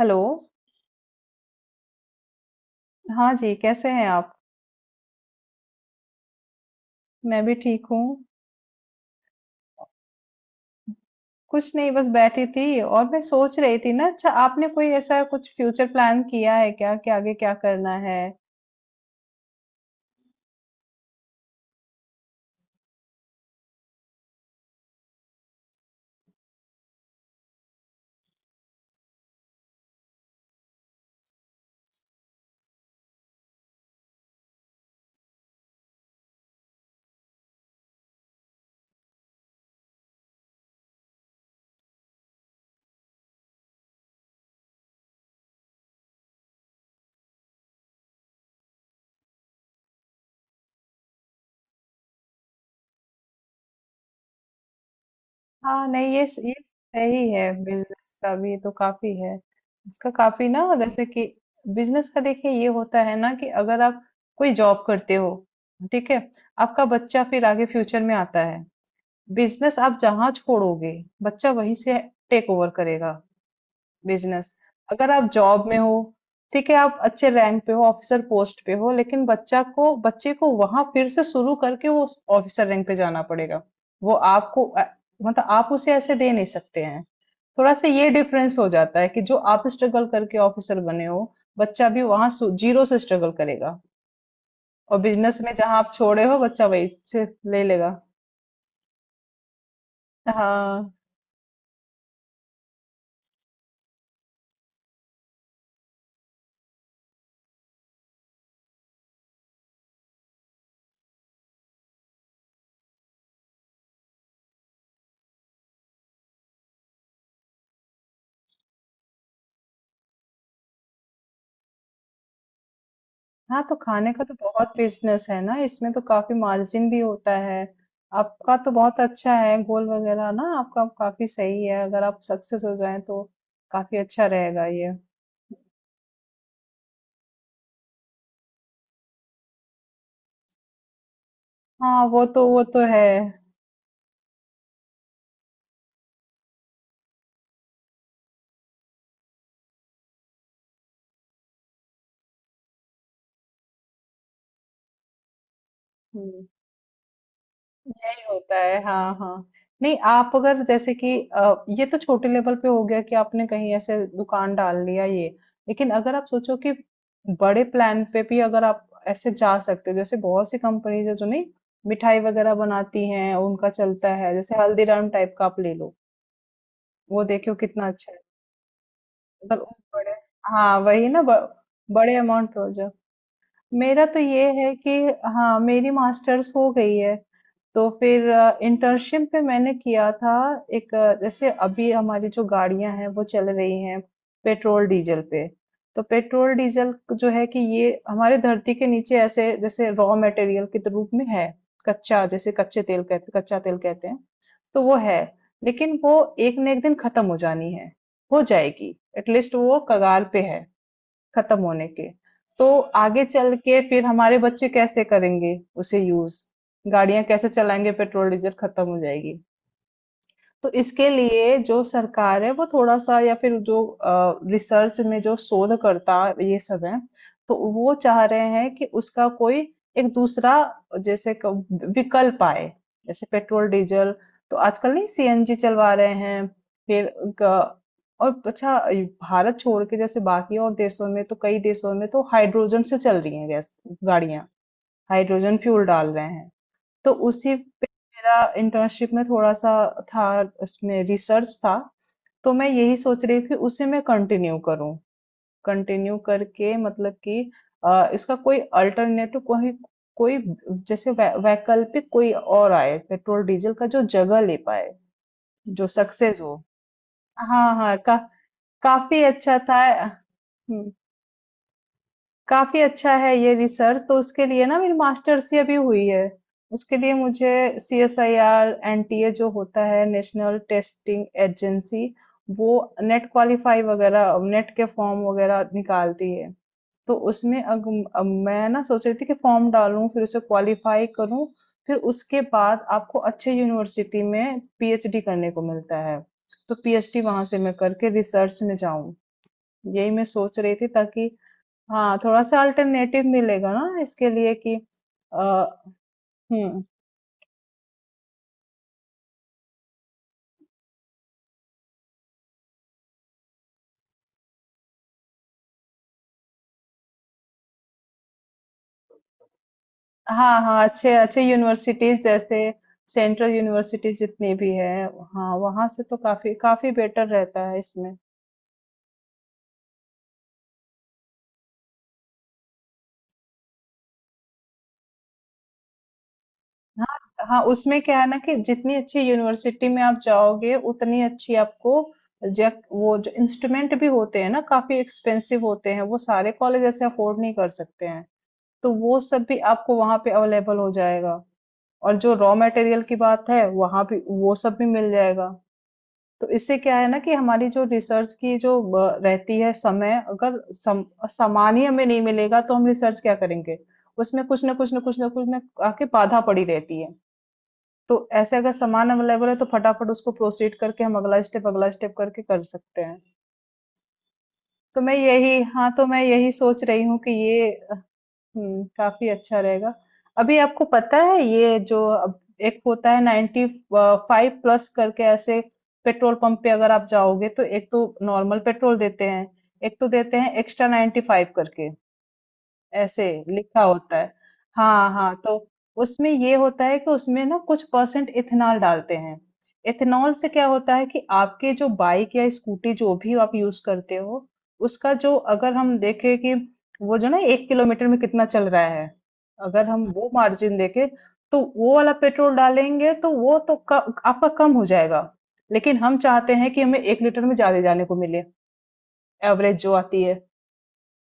Hello. हाँ जी, कैसे हैं आप? मैं भी ठीक हूँ। कुछ नहीं, बस बैठी थी और मैं सोच रही थी ना, अच्छा आपने कोई ऐसा कुछ फ्यूचर प्लान किया है क्या कि आगे क्या करना है? हाँ। नहीं ये ये सही है, बिजनेस का भी तो काफी है। इसका काफी ना, जैसे कि बिजनेस का देखिए ये होता है ना कि अगर आप कोई जॉब करते हो, ठीक है, आपका बच्चा फिर आगे फ्यूचर में आता है। बिजनेस आप जहाँ छोड़ोगे, बच्चा वहीं से टेक ओवर करेगा बिजनेस। अगर आप जॉब में हो, ठीक है, आप अच्छे रैंक पे हो, ऑफिसर पोस्ट पे हो, लेकिन बच्चा को बच्चे को वहां फिर से शुरू करके वो ऑफिसर रैंक पे जाना पड़ेगा। वो आपको मतलब आप उसे ऐसे दे नहीं सकते हैं। थोड़ा सा ये डिफरेंस हो जाता है कि जो आप स्ट्रगल करके ऑफिसर बने हो, बच्चा भी वहां जीरो से स्ट्रगल करेगा। और बिजनेस में जहां आप छोड़े हो, बच्चा वही से ले लेगा। हाँ हाँ, तो खाने का तो बहुत बिजनेस है ना, इसमें तो काफी मार्जिन भी होता है। आपका तो बहुत अच्छा है गोल वगैरह ना, आपका काफी सही है, अगर आप सक्सेस हो जाएं तो काफी अच्छा रहेगा ये। हाँ, वो तो है। हम्म, यही होता है, हाँ हाँ। नहीं आप अगर जैसे कि ये तो छोटे लेवल पे हो गया कि आपने कहीं ऐसे दुकान डाल लिया ये, लेकिन अगर आप सोचो कि बड़े प्लान पे भी अगर आप ऐसे जा सकते हो, जैसे बहुत सी कंपनीज है जो नहीं मिठाई वगैरह बनाती हैं, उनका चलता है, जैसे हल्दीराम टाइप का आप ले लो। वो देखो कितना अच्छा है। अगर उस बड़े, हाँ वही ना बड़े अमाउंट हो। मेरा तो ये है कि हाँ, मेरी मास्टर्स हो गई है, तो फिर इंटर्नशिप में मैंने किया था एक, जैसे अभी हमारी जो गाड़ियां हैं वो चल रही हैं पेट्रोल डीजल पे। तो पेट्रोल डीजल जो है कि ये हमारे धरती के नीचे ऐसे जैसे रॉ मटेरियल के रूप में है। कच्चा, जैसे कच्चे तेल कहते कच्चा तेल कहते हैं। तो वो है, लेकिन वो एक न एक दिन खत्म हो जानी है, हो जाएगी, एटलीस्ट वो कगार पे है खत्म होने के। तो आगे चल के फिर हमारे बच्चे कैसे करेंगे उसे यूज़? गाड़ियाँ कैसे चलाएँगे? पेट्रोल, डीजल खत्म हो जाएगी। तो इसके लिए जो सरकार है वो थोड़ा सा, या फिर जो रिसर्च में जो शोधकर्ता ये सब है, तो वो चाह रहे हैं कि उसका कोई एक दूसरा, जैसे विकल्प आए जैसे पेट्रोल डीजल। तो आजकल नहीं सीएनजी चलवा रहे हैं। फिर ग- और अच्छा, ये भारत छोड़ के जैसे बाकी और देशों में, तो कई देशों में तो हाइड्रोजन से चल रही हैं गैस गाड़ियां, हाइड्रोजन फ्यूल डाल रहे हैं। तो उसी पे मेरा इंटर्नशिप में थोड़ा सा था, उसमें रिसर्च था। तो मैं यही सोच रही हूँ कि उसी में कंटिन्यू करूँ। कंटिन्यू करके मतलब कि इसका कोई अल्टरनेटिव कोई कोई, जैसे वैकल्पिक कोई और आए पेट्रोल डीजल का जो जगह ले पाए, जो सक्सेस हो। हाँ हाँ काफी अच्छा था। हम्म, काफ़ी अच्छा है ये रिसर्च, तो उसके लिए ना मेरी मास्टर्स ही अभी हुई है। उसके लिए मुझे C S I R N T A, जो होता है नेशनल टेस्टिंग एजेंसी, वो नेट क्वालिफाई वगैरह, नेट के फॉर्म वगैरह निकालती है। तो उसमें अब मैं ना सोच रही थी कि फॉर्म डालूं, फिर उसे क्वालिफाई करूं, फिर उसके बाद आपको अच्छे यूनिवर्सिटी में पीएचडी करने को मिलता है। तो पीएचडी वहां से मैं करके रिसर्च में जाऊं, यही मैं सोच रही थी, ताकि हाँ थोड़ा सा अल्टरनेटिव मिलेगा ना इसके लिए कि अ, हम्म। हाँ हाँ, अच्छे अच्छे यूनिवर्सिटीज जैसे सेंट्रल यूनिवर्सिटीज जितनी भी है। हाँ वहाँ से तो काफी काफी बेटर रहता है इसमें। हाँ हाँ, उसमें क्या है ना कि जितनी अच्छी यूनिवर्सिटी में आप जाओगे, उतनी अच्छी आपको, जब वो जो इंस्ट्रूमेंट भी होते हैं ना काफी एक्सपेंसिव होते हैं, वो सारे कॉलेज ऐसे अफोर्ड नहीं कर सकते हैं। तो वो सब भी आपको वहां पे अवेलेबल हो जाएगा। और जो रॉ मटेरियल की बात है, वहाँ भी वो सब भी मिल जाएगा। तो इससे क्या है ना कि हमारी जो रिसर्च की जो रहती है समय, अगर सामान ही हमें नहीं मिलेगा तो हम रिसर्च क्या करेंगे? उसमें कुछ ना कुछ आके बाधा पड़ी रहती है। तो ऐसे अगर सामान अवेलेबल है तो फटाफट उसको प्रोसीड करके हम अगला स्टेप करके कर सकते हैं। तो मैं यही हाँ तो मैं यही सोच रही हूँ कि ये हुँ, काफ़ी अच्छा रहेगा। अभी आपको पता है ये जो अब एक होता है 90, 5 प्लस करके ऐसे, पेट्रोल पंप पे अगर आप जाओगे तो एक तो नॉर्मल पेट्रोल देते हैं, एक तो देते हैं एक्स्ट्रा 95 करके। ऐसे लिखा होता है। हाँ हाँ, तो उसमें ये होता है कि उसमें ना कुछ परसेंट इथेनॉल डालते हैं। इथेनॉल से क्या होता है कि आपके जो बाइक या स्कूटी जो भी आप यूज करते हो, उसका जो अगर हम देखें कि वो जो ना एक किलोमीटर में कितना चल रहा है, अगर हम वो मार्जिन देखें तो वो वाला पेट्रोल डालेंगे तो वो तो आपका कम हो जाएगा। लेकिन हम चाहते हैं कि हमें एक लीटर में ज्यादा जाने को मिले, एवरेज जो आती है,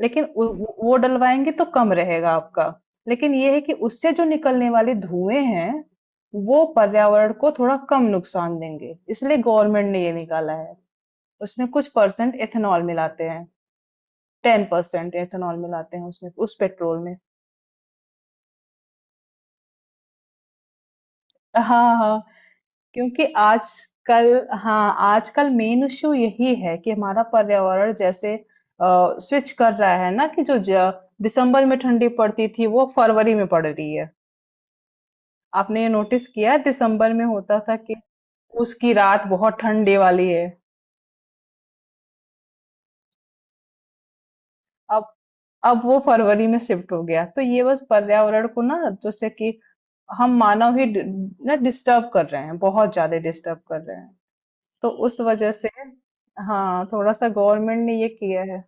लेकिन वो डलवाएंगे तो कम रहेगा आपका। लेकिन ये है कि उससे जो निकलने वाले धुएं हैं, वो पर्यावरण को थोड़ा कम नुकसान देंगे, इसलिए गवर्नमेंट ने ये निकाला है। उसमें कुछ परसेंट एथेनॉल मिलाते हैं, 10% एथेनॉल मिलाते हैं उसमें, उस पेट्रोल में। हाँ हाँ। क्योंकि आजकल, हाँ आजकल मेन इश्यू यही है कि हमारा पर्यावरण जैसे स्विच कर रहा है ना, कि जो दिसंबर में ठंडी पड़ती थी वो फरवरी में पड़ रही है। आपने ये नोटिस किया है, दिसंबर में होता था कि उसकी रात बहुत ठंडे वाली है। अब अब वो फरवरी में शिफ्ट हो गया। तो ये बस पर्यावरण को ना, जैसे कि हम मानव ही डि- ना डिस्टर्ब कर रहे हैं, बहुत ज्यादा डिस्टर्ब कर रहे हैं, तो उस वजह से हाँ थोड़ा सा गवर्नमेंट ने ये किया है।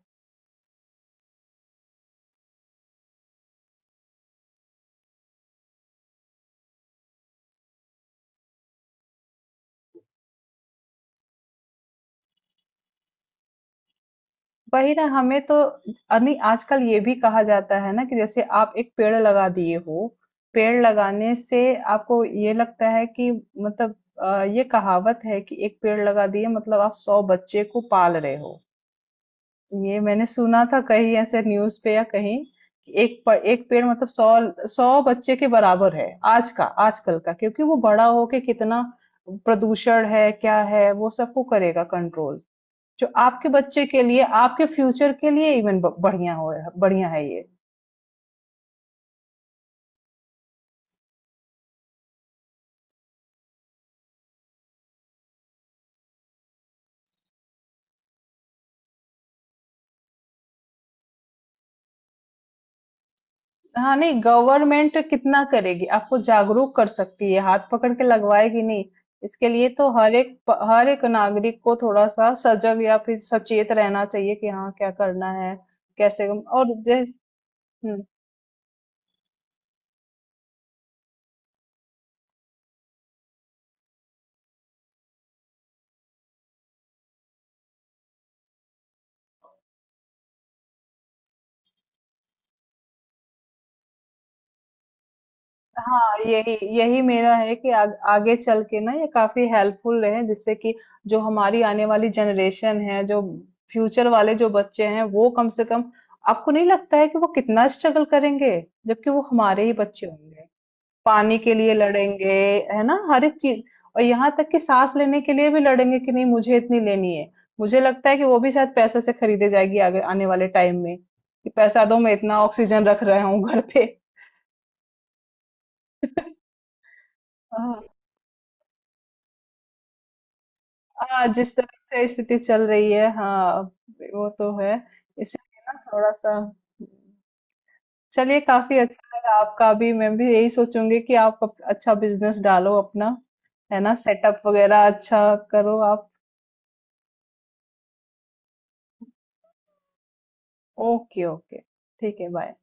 वही ना हमें तो, नहीं आजकल ये भी कहा जाता है ना कि जैसे आप एक पेड़ लगा दिए हो, पेड़ लगाने से आपको ये लगता है कि मतलब ये कहावत है कि एक पेड़ लगा दिए मतलब आप 100 बच्चे को पाल रहे हो। ये मैंने सुना था कहीं ऐसे न्यूज पे या कहीं, कि एक पेड़ मतलब 100 बच्चे के बराबर है आज का आजकल का, क्योंकि वो बड़ा होके कितना प्रदूषण है क्या है, वो सबको करेगा कंट्रोल, जो आपके बच्चे के लिए, आपके फ्यूचर के लिए इवन ब बढ़िया हो। बढ़िया है ये। हाँ, नहीं गवर्नमेंट कितना करेगी? आपको जागरूक कर सकती है, हाथ पकड़ के लगवाएगी नहीं। इसके लिए तो हर एक नागरिक को थोड़ा-सा सजग या फिर सचेत रहना चाहिए कि हाँ, क्या करना है? कैसे हम और जैस हुँ। हाँ, यही यही मेरा है कि आगे चल के ना ये काफी हेल्पफुल रहे, जिससे कि जो हमारी आने वाली जनरेशन है, जो फ्यूचर वाले जो बच्चे हैं, वो कम से कम, आपको नहीं लगता है कि वो कितना स्ट्रगल करेंगे? जबकि वो हमारे ही बच्चे होंगे। पानी के लिए लड़ेंगे, है ना, हर एक चीज, और यहाँ तक कि सांस लेने के लिए भी लड़ेंगे कि नहीं मुझे इतनी लेनी है। मुझे लगता है कि वो भी शायद पैसे से खरीदे जाएगी आगे आने वाले टाइम में, कि पैसा दो मैं इतना ऑक्सीजन रख रहा हूँ घर पे। हाँ, जिस तरह से स्थिति चल रही है, हाँ वो तो है। इसलिए ना थोड़ा सा, चलिए काफी अच्छा लगा, आपका भी मैं भी यही सोचूंगी कि आप अच्छा बिजनेस डालो अपना, है ना, सेटअप वगैरह अच्छा करो आप। ओके ओके, ठीक है, बाय।